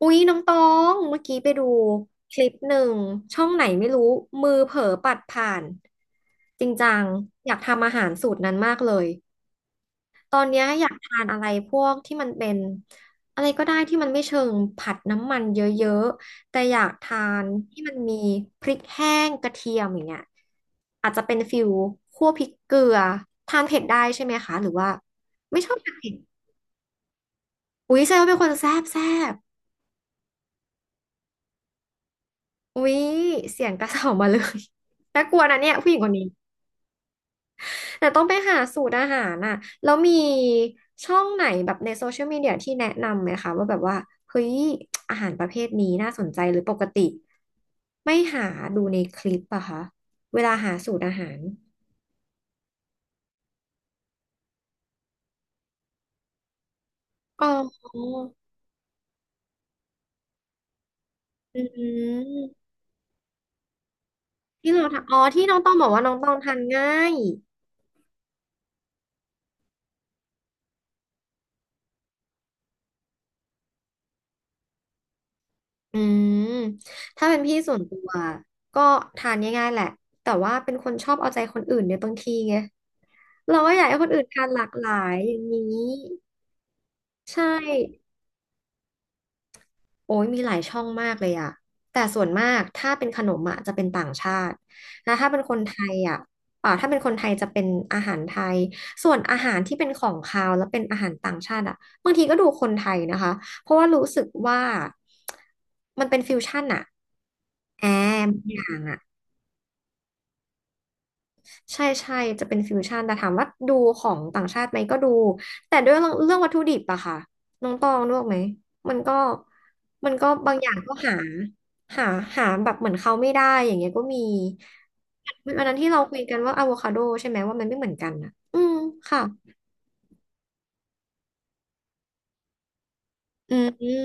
อุ๊ยน้องตองเมื่อกี้ไปดูคลิปหนึ่งช่องไหนไม่รู้มือเผลอปัดผ่านจริงจังอยากทำอาหารสูตรนั้นมากเลยตอนเนี้ยอยากทานอะไรพวกที่มันเป็นอะไรก็ได้ที่มันไม่เชิงผัดน้ำมันเยอะๆแต่อยากทานที่มันมีพริกแห้งกระเทียมอย่างเงี้ยอาจจะเป็นฟิลคั่วพริกเกลือทานเผ็ดได้ใช่ไหมคะหรือว่าไม่ชอบทานเผ็ดอุ๊ยแซวาเป็นคนแซ่บแซ่บ อุ๊ยเสียงกระเสอบมาเลย น่ากลัวนะเนี่ยผู้หญิงคนนี้แต่ต้องไปหาสูตรอาหารน่ะแล้วมีช่องไหนแบบในโซเชียลมีเดียที่แนะนำไหมคะว่าแบบว่าเฮ้ยอาหารประเภทนี้น่าสนใจหรือปกติไม่หาดูในคลิปอะคะเวลาหาสูตรอาหารอ๋ออืมที่เราทำอ๋อที่น้องต้องบอกว่าน้องต้องทานง่าย อืมถ้าเป็นพี่ส่วนตัวก็ทานง่ายๆแหละแต่ว่าเป็นคนชอบเอาใจคนอื่นเน่บางทีไงเราก็อยากให้คนอื่นทานหลากหลายอย่างนี้ใช่โอ้ยมีหลายช่องมากเลยอะแต่ส่วนมากถ้าเป็นขนมอะจะเป็นต่างชาตินะถ้าเป็นคนไทยอะอ่าถ้าเป็นคนไทยจะเป็นอาหารไทยส่วนอาหารที่เป็นของคาวแล้วเป็นอาหารต่างชาติอะบางทีก็ดูคนไทยนะคะเพราะว่ารู้สึกว่ามันเป็นฟิวชั่นอะแอมอย่างอะ ใช่ใช่จะเป็นฟิวชั่นแต่ถามว่าดูของต่างชาติไหมก็ดูแต่ด้วยเรื่องวัตถุดิบอะค่ะน้องตองรู้ไหมมันก็มันก็บางอย่างก็หาหาแบบเหมือนเขาไม่ได้อย่างเงี้ยก็มีวันนั้นที่เราคุยกันว่าอะโวคาโดใช่ไหมว่ามันไม่เหมือนกันอะอืมค่ะอืมอืม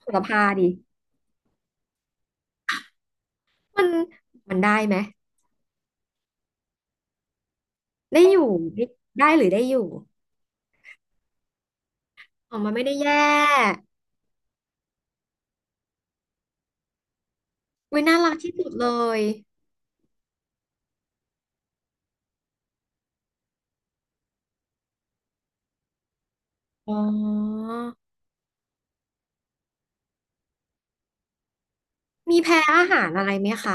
โลรพาดิมันมันได้ไหมได้อยู่ได้ได้หรือได้อยู่อ๋อมันไม่ได้แย่เว้ยน่ารักที่สุดเลยอ๋อ มีแพ้อาหารอะไรไหมคะ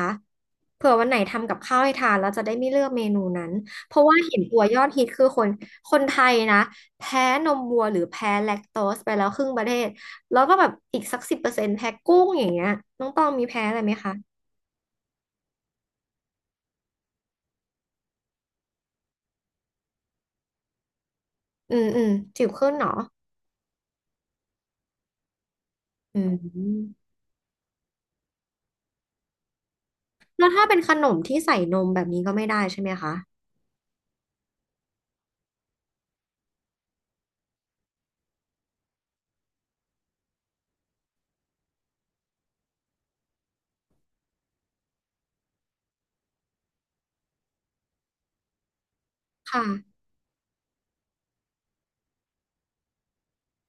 เผื่อวันไหนทำกับข้าวให้ทานแล้วจะได้ไม่เลือกเมนูนั้น เพราะว่าเห็นตัวยอดฮิตคือคนไทยนะแพ้นมวัวหรือแพ้แลคโตสไปแล้วครึ่งประเทศ แล้วก็แบบอีกสัก10%แพ้กุ้งอย่างเงี้ยน้องตองมีแพ้อะไรไหมคะ อืมอืมจิ๋วขึ้นเหรออืมแล้วถ้าเป็นขนมที่ใส่นมแบบนี้ก็ไม่ได้ใช่ไหมคะค่ะ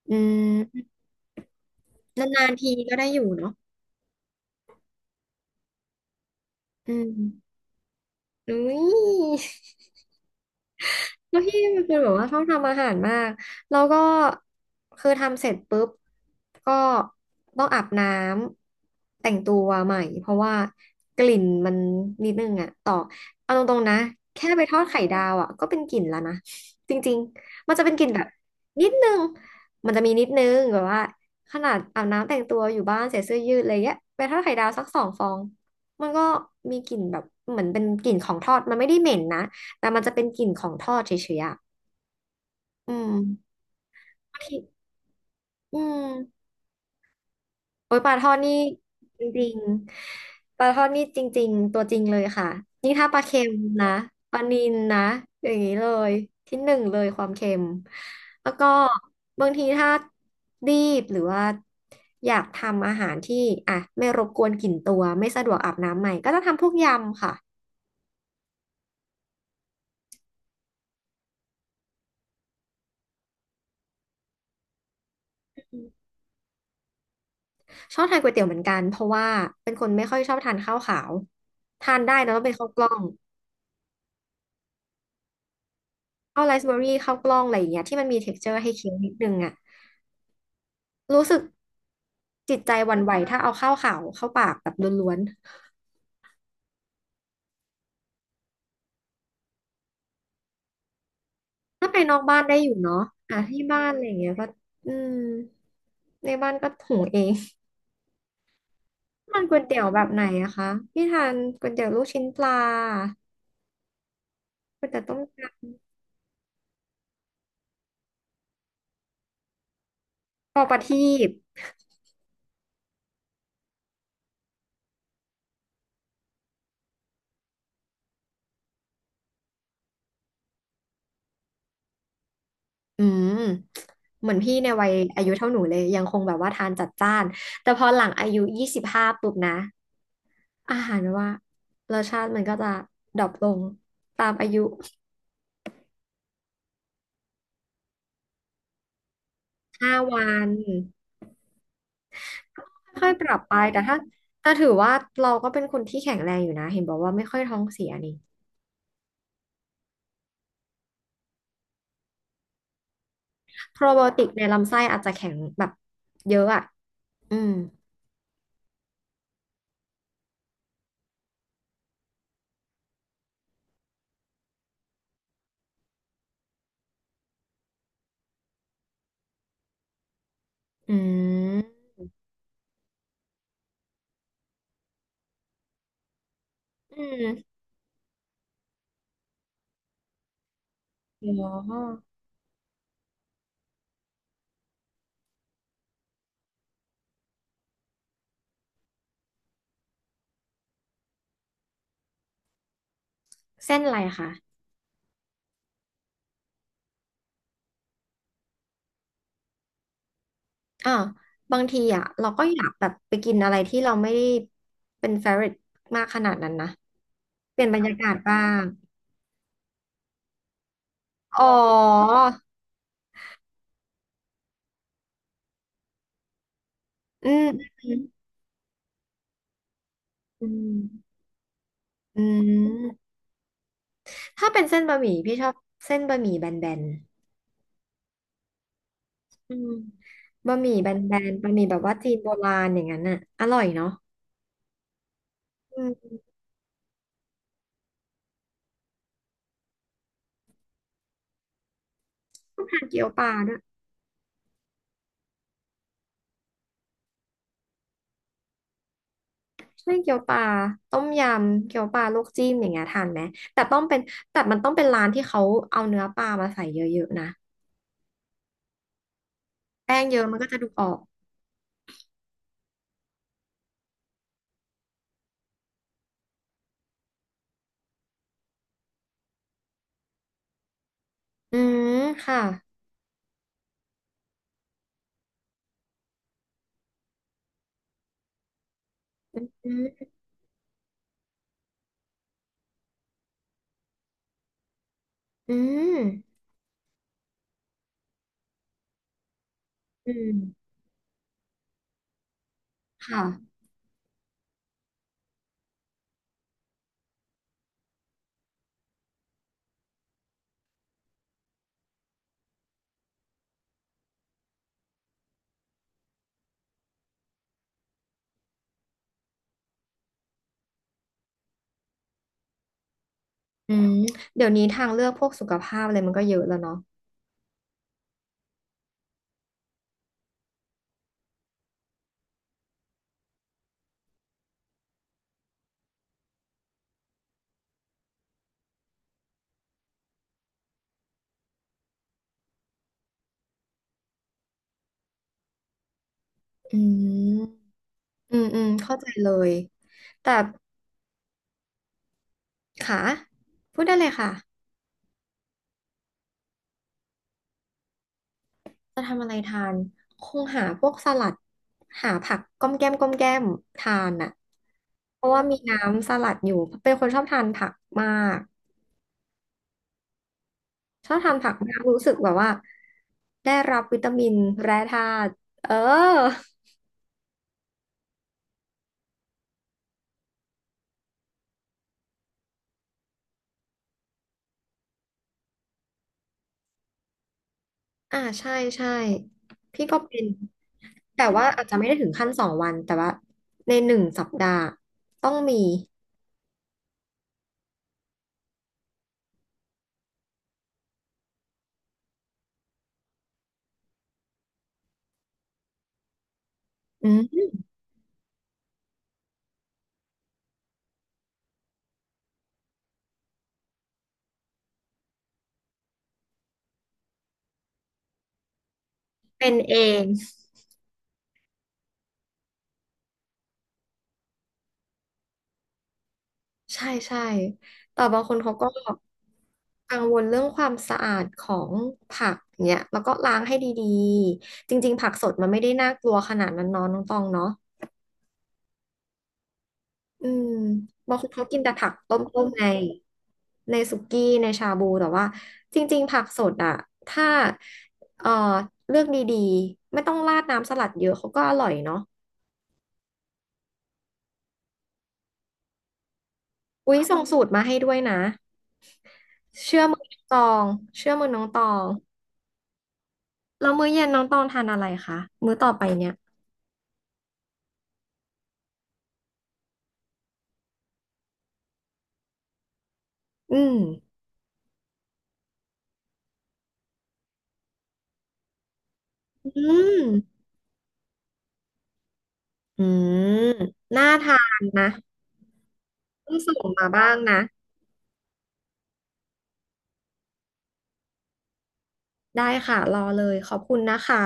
อืมนานๆทีก็ได้อยู่เนาะอืมอุ้ย แล้วพี่มันเป็นแบบว่าชอบทำอาหารมากแล้วก็คือทำเสร็จปุ๊บก็ต้องอาบน้ำแต่งตัวใหม่เพราะว่ากลิ่นมันนิดนึงอะต่อเอาตรงๆนะแค่ไปทอดไข่ดาวอะก็เป็นกลิ่นแล้วนะจริงๆมันจะเป็นกลิ่นแบบนิดนึงมันจะมีนิดนึงแบบว่าขนาดอาบน้ำแต่งตัวอยู่บ้านใส่เสื้อยืดอะไรเงี้ยไปทอดไข่ดาวสัก2 ฟองมันก็มีกลิ่นแบบเหมือนเป็นกลิ่นของทอดมันไม่ได้เหม็นนะ แต่มันจะเป็นกลิ่นของทอดเฉยๆอะอืมบางทีอืมโอ๊ยปลาทอดนี่จริงๆปลาทอดนี่จริงๆ ตัวจริงเลยค่ะนี่ถ้าปลาเค็มนะปลานิลนะอย่างนี้เลยที่หนึ่งเลยความเค็มแล้วก็บางทีถ้ารีบหรือว่าอยากทำอาหารที่อ่ะไม่รบกวนกลิ่นตัวไม่สะดวกอาบน้ำใหม่ก็จะทำพวกยำค่ะชอบทานก๋วยเตี๋ยวเหมือนกันเพราะว่าเป็นคนไม่ค่อยชอบทานข้าวขาวทานได้นะต้องเป็นข้าวกล้อง ข้าวไรซ์เบอร์รี่ข้าวกล้องอะไรอย่างเงี้ยที่มันมี texture ให้เคี้ยวนิดนึงอ่ะรู้สึกจิตใจหวั่นไหวถ้าเอาข้าวขาวเข้าปากแบบล้วนๆถ้าไปนอกบ้านได้อยู่เนาะอ่ะที่บ้านอะไรอย่างเงี้ยก็อืมในบ้านก็หุงเอง มันก๋วยเตี๋ยวแบบไหนอะคะพี่ทานก๋วยเตี๋ยวลูกชิ้นปลาก๋วยเตี๋ยวต้มยำปอประทีปอืมเหมือนพี่ในวัยอายุเท่าหนูเลยยังคงแบบว่าทานจัดจ้านแต่พอหลังอายุ25ปุ๊บนะ อาหารแบบว่ารสชาติมันก็จะดรอปลงตามอายุ5 วันค่อยๆปรับไปแต่ถ้าถือว่าเราก็เป็นคนที่แข็งแรงอยู่นะเห็นบอกว่าไม่ค่อยท้องเสียนี่โปรไบโอติกในลำไส้อาจจะแข็งแบบเยอะอ่ะอืมอืมอืมอ๋อเส้นอะไรคะอ่าวบางทีอ่ะเราก็อยากแบบไปกินอะไรที่เราไม่ได้เป็นเฟ v o r ร t ตมากขนาดนั้นนะเปลี่ยนบรรยากาศบ้างอ๋อ อืมอืมอืมถ้าเป็นเส้นบะหมี่พี่ชอบเส้นบะหมี่แบนๆบะหมี่แบนๆบะหมี่แบบว่าจีนโบราณอย่างนั้นน่ะอร่อยเนาะอืมทานเกี๊ยวปลาด้วยใช่เกี๊ยวปลาต้มยำเกี๊ยวปลาลวกจิ้มอย่างเงี้ยทานไหมแต่ต้องเป็นแต่มันต้องเป็นร้านที่เขาเอาเนื้อปลามาใส่เยอะๆนะแป้งเยอะมันก็จะดูออกอืมค่ะอืมอืมอืมค่ะอืมเดี๋ยวนี้ทางเลือกพวกสุขภาพอะไรมันก็เยอะแล้วเนาะ อืม อืม อืม เข้าใจเลย แต่ค่ะพูดได้เลยค่ะ จะทำอะไรทาน คงหาพวกสลัด หาผักก้อมแก้มก้อมแก้มทานอ่ะเพราะว่ามีน้ำสลัดอยู่ เป็นคนชอบทานผักมาก ชอบทานผักมากรู้สึกแบบว่า ได้รับวิตามินแร่ธาตุเออ อ่าใช่ใช่พี่ก็เป็น แต่ว่าอาจจะไม่ได้ถึงขั้น2 วัน แต่ว่าใน1 สัปดาห์ต้องมีอื เป็นเองใช่ใช่แต่บางคนเขาก็กังวลเรื่องความสะอาดของผักเนี่ยแล้วก็ล้างให้ดีๆจริงๆผักสดมันไม่ได้น่ากลัวขนาดนั้นเน้องน้องตองเนาะอืมบางคนเขากินแต่ผักต้มๆในสุกี้ในชาบูแต่ว่าจริงๆผักสดอะถ้าเอ่อเลือกดีๆไม่ต้องราดน้ำสลัดเยอะเขาก็อร่อยเนาะอุ๊ยส่งสูตรมาให้ด้วยนะเชื่อมือน้องตองเชื่อมือน้องตอง แล้วมื้อเย็นน้องตองทานอะไรคะมื้อต่อไปเนี่ยอืมอืมอืมน่าทานนะต้องส่งมาบ้างนะได้ค่ะรอเลยขอบคุณนะคะ